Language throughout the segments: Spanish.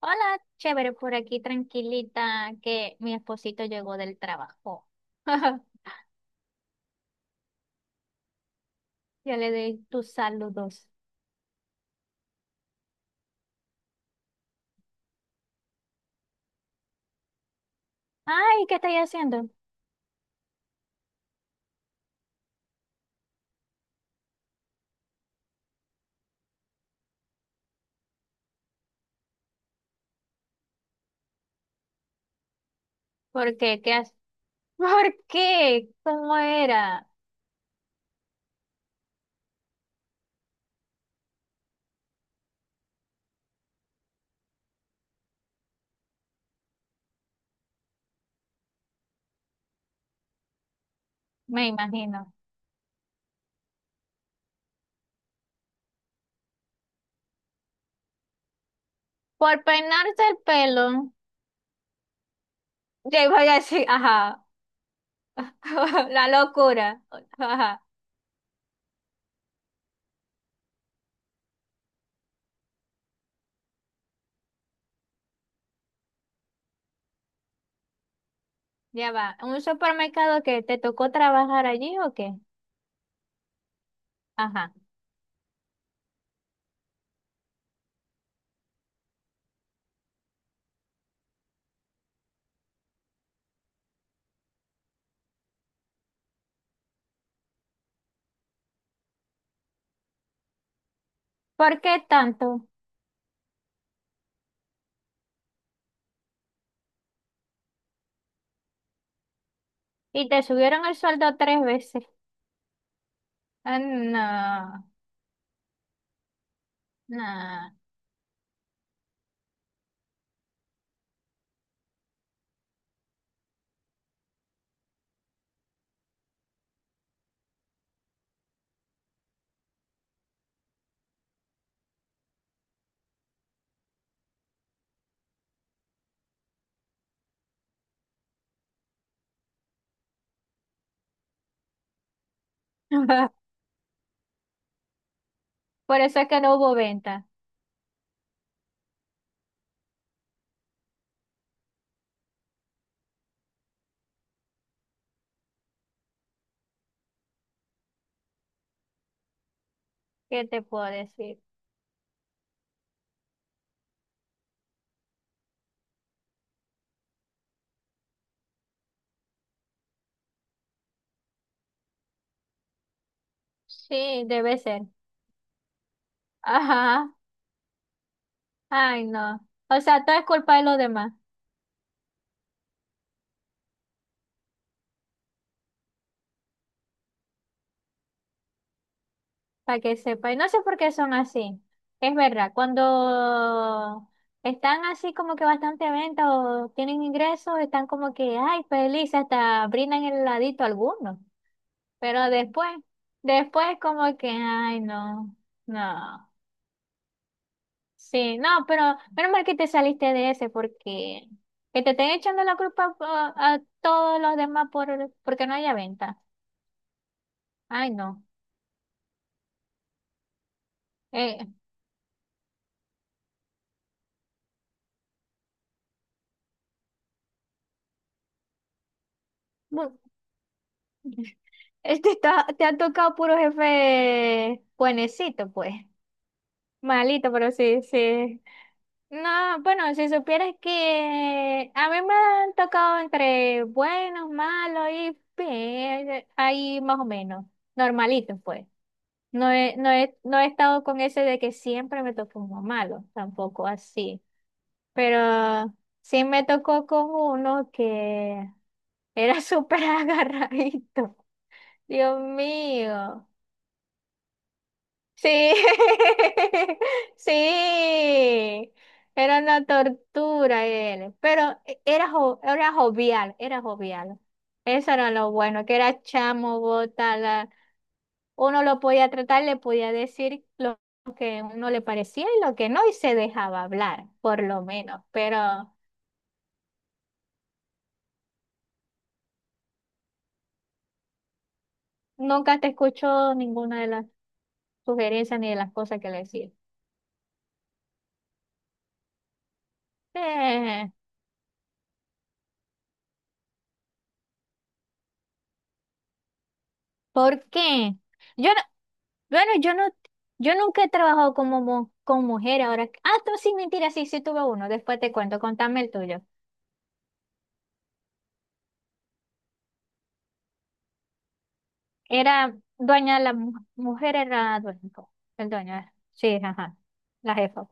Hola, chévere, por aquí tranquilita que mi esposito llegó del trabajo. Ya le di tus saludos. Ay, ¿qué estáis haciendo? ¿Por qué? ¿Qué haces? ¿Por qué? ¿Cómo era? Me imagino. Por peinarse el pelo. Ya iba a decir, ajá. La locura. Ajá, ya va. ¿Un supermercado que te tocó trabajar allí o qué? Ajá. ¿Por qué tanto? Y te subieron el sueldo tres veces. Ah, no. Nah. Por eso es que no hubo venta. ¿Qué te puedo decir? Sí, debe ser. Ajá. Ay, no. O sea, todo es culpa de los demás, para que sepa. Y no sé por qué son así. Es verdad, cuando están así como que bastante venta o tienen ingresos, están como que, ay, feliz, hasta brindan el heladito a algunos. Pero después, después como que, ay, no, no. Sí, no, pero menos mal que te saliste de ese porque que te estén echando la culpa a todos los demás por porque no haya venta. Ay, no. Eh, bu- este está, te ha tocado puro jefe buenecito, pues. Malito, pero sí, sí. No, bueno, si supieras que a mí me han tocado entre buenos, malos y bien, ahí más o menos, normalitos, pues. No he estado con ese de que siempre me tocó uno malo, tampoco así. Pero sí me tocó con uno que era súper agarradito. Dios mío. Sí, sí. Era una tortura él. Era jovial, era jovial. Eso era lo bueno, que era chamo, botala. Uno lo podía tratar, le podía decir lo que a uno le parecía y lo que no, y se dejaba hablar, por lo menos. Pero nunca te escuchó ninguna de las sugerencias ni de las cosas que le decía. Eh, ¿Por qué? Yo no, bueno, yo no, yo nunca he trabajado como con mujer ahora. Ah, tú sí, mentira, sí, sí tuve uno. Después te cuento, contame el tuyo. Era dueña, la mujer era dueña, el dueño, sí, ajá, la jefa.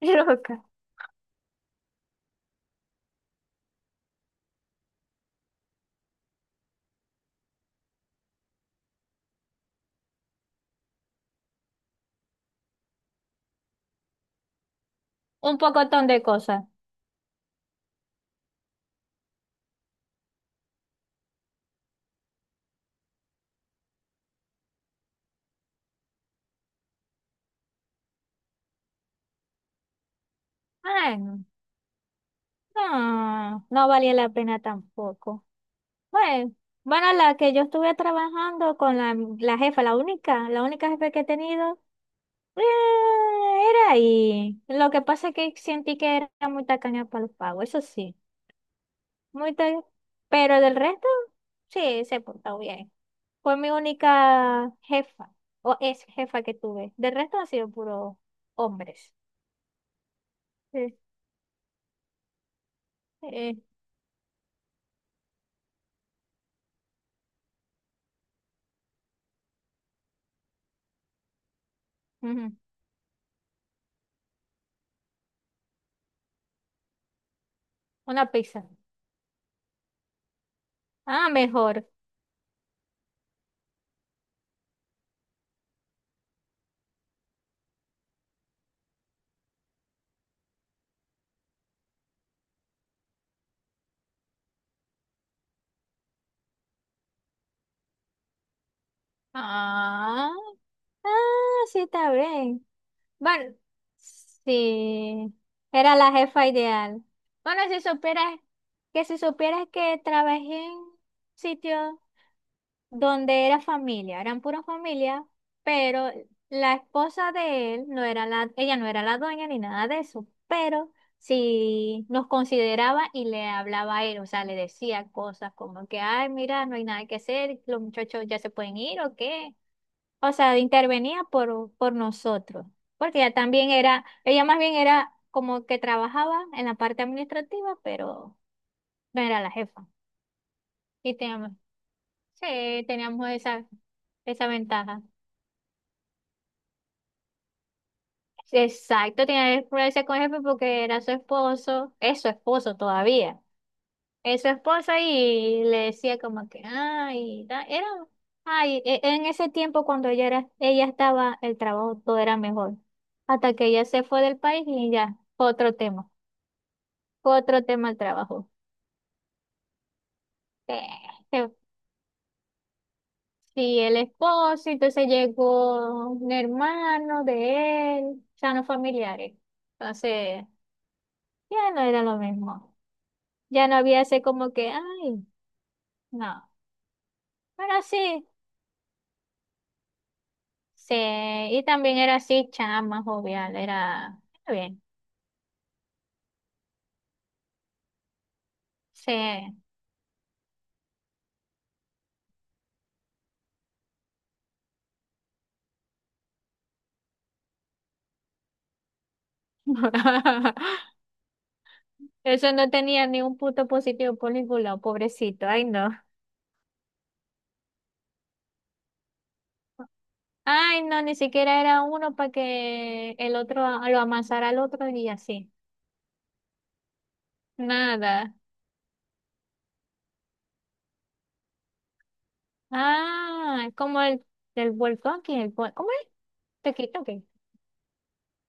Loca. Un pocotón de cosas. Bueno, no, no valía la pena tampoco. Bueno, bueno, la que yo estuve trabajando con la jefa, la única jefa que he tenido, eh, era ahí. Lo que pasa es que sentí que era muy tacaña para los pagos, eso sí, muy ta- pero del resto, sí, se portó bien. Fue mi única jefa, o es jefa que tuve. Del resto han sido puros hombres. Sí. Eh, ujú. Una pizza. Ah, mejor. Ah, ah, sí, está bien. Bueno, sí, era la jefa ideal. Bueno, si supieras si supieras que trabajé en un sitio donde era familia, eran pura familia, pero la esposa de él no era ella no era la dueña ni nada de eso, pero sí nos consideraba y le hablaba a él, o sea, le decía cosas como que, ay, mira, no hay nada que hacer, los muchachos ya se pueden ir o qué. O sea, intervenía por nosotros, porque ella también era, ella más bien era como que trabajaba en la parte administrativa, pero no era la jefa. Y teníamos, sí, teníamos esa ventaja. Exacto, tenía que ponerse con el jefe porque era su esposo, es su esposo todavía. Es su esposa y le decía como que, ay, en ese tiempo cuando ella estaba, el trabajo todo era mejor. Hasta que ella se fue del país y ya, fue otro tema el trabajo. Eh, se- Sí, el esposo, entonces llegó un hermano de él, ya no familiares. Entonces, ya no era lo mismo. Ya no había ese como que, ay, no. Pero sí. Sí, y también era así, chama, jovial, era bien. Sí. Eso no tenía ni un punto positivo por ningún lado, pobrecito. Ay, no. Ay, no, ni siquiera era uno para que el otro lo amasara al otro y así. Nada. Ah, como el del volcán, que el ¿cómo es? Tequito, que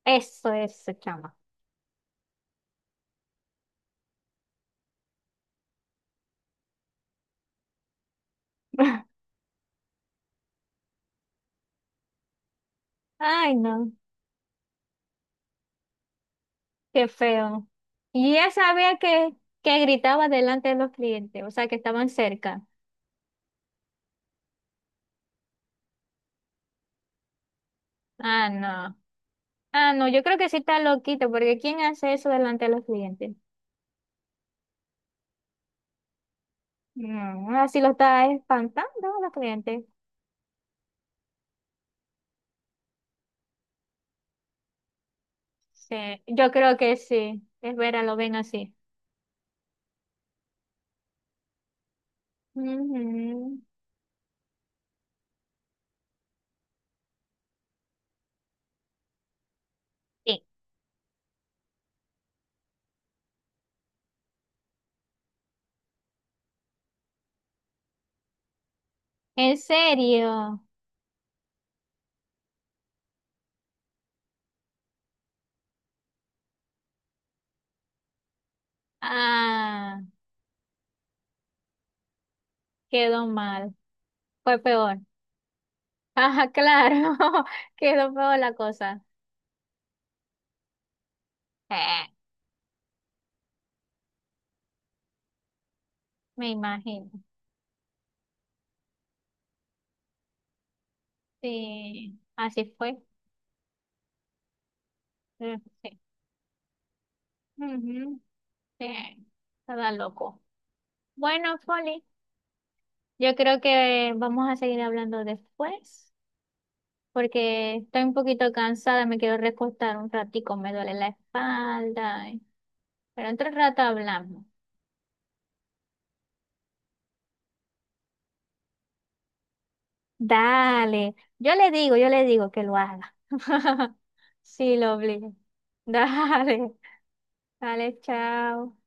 eso es, chama. Ay, no, qué feo. Y ella sabía que gritaba delante de los clientes, o sea, que estaban cerca. Ah, no. Ah, no, yo creo que sí está loquito, porque ¿quién hace eso delante de los clientes? No, así lo está espantando a los clientes. Sí, yo creo que sí. Es vera, lo ven así. Ujú. Sí. ¿En serio? Ah, quedó mal. Fue peor. Ah, claro. Quedó peor la cosa. Eh, me imagino. Sí, así fue. Mm, sí. Ujú. Sí. Estaba loco. Bueno, Folly. Yo creo que vamos a seguir hablando después, porque estoy un poquito cansada, me quiero recostar un ratico, me duele la espalda, ay, pero entre rato hablamos. Dale, yo le digo que lo haga. Sí, lo obligo. Dale, dale, chao.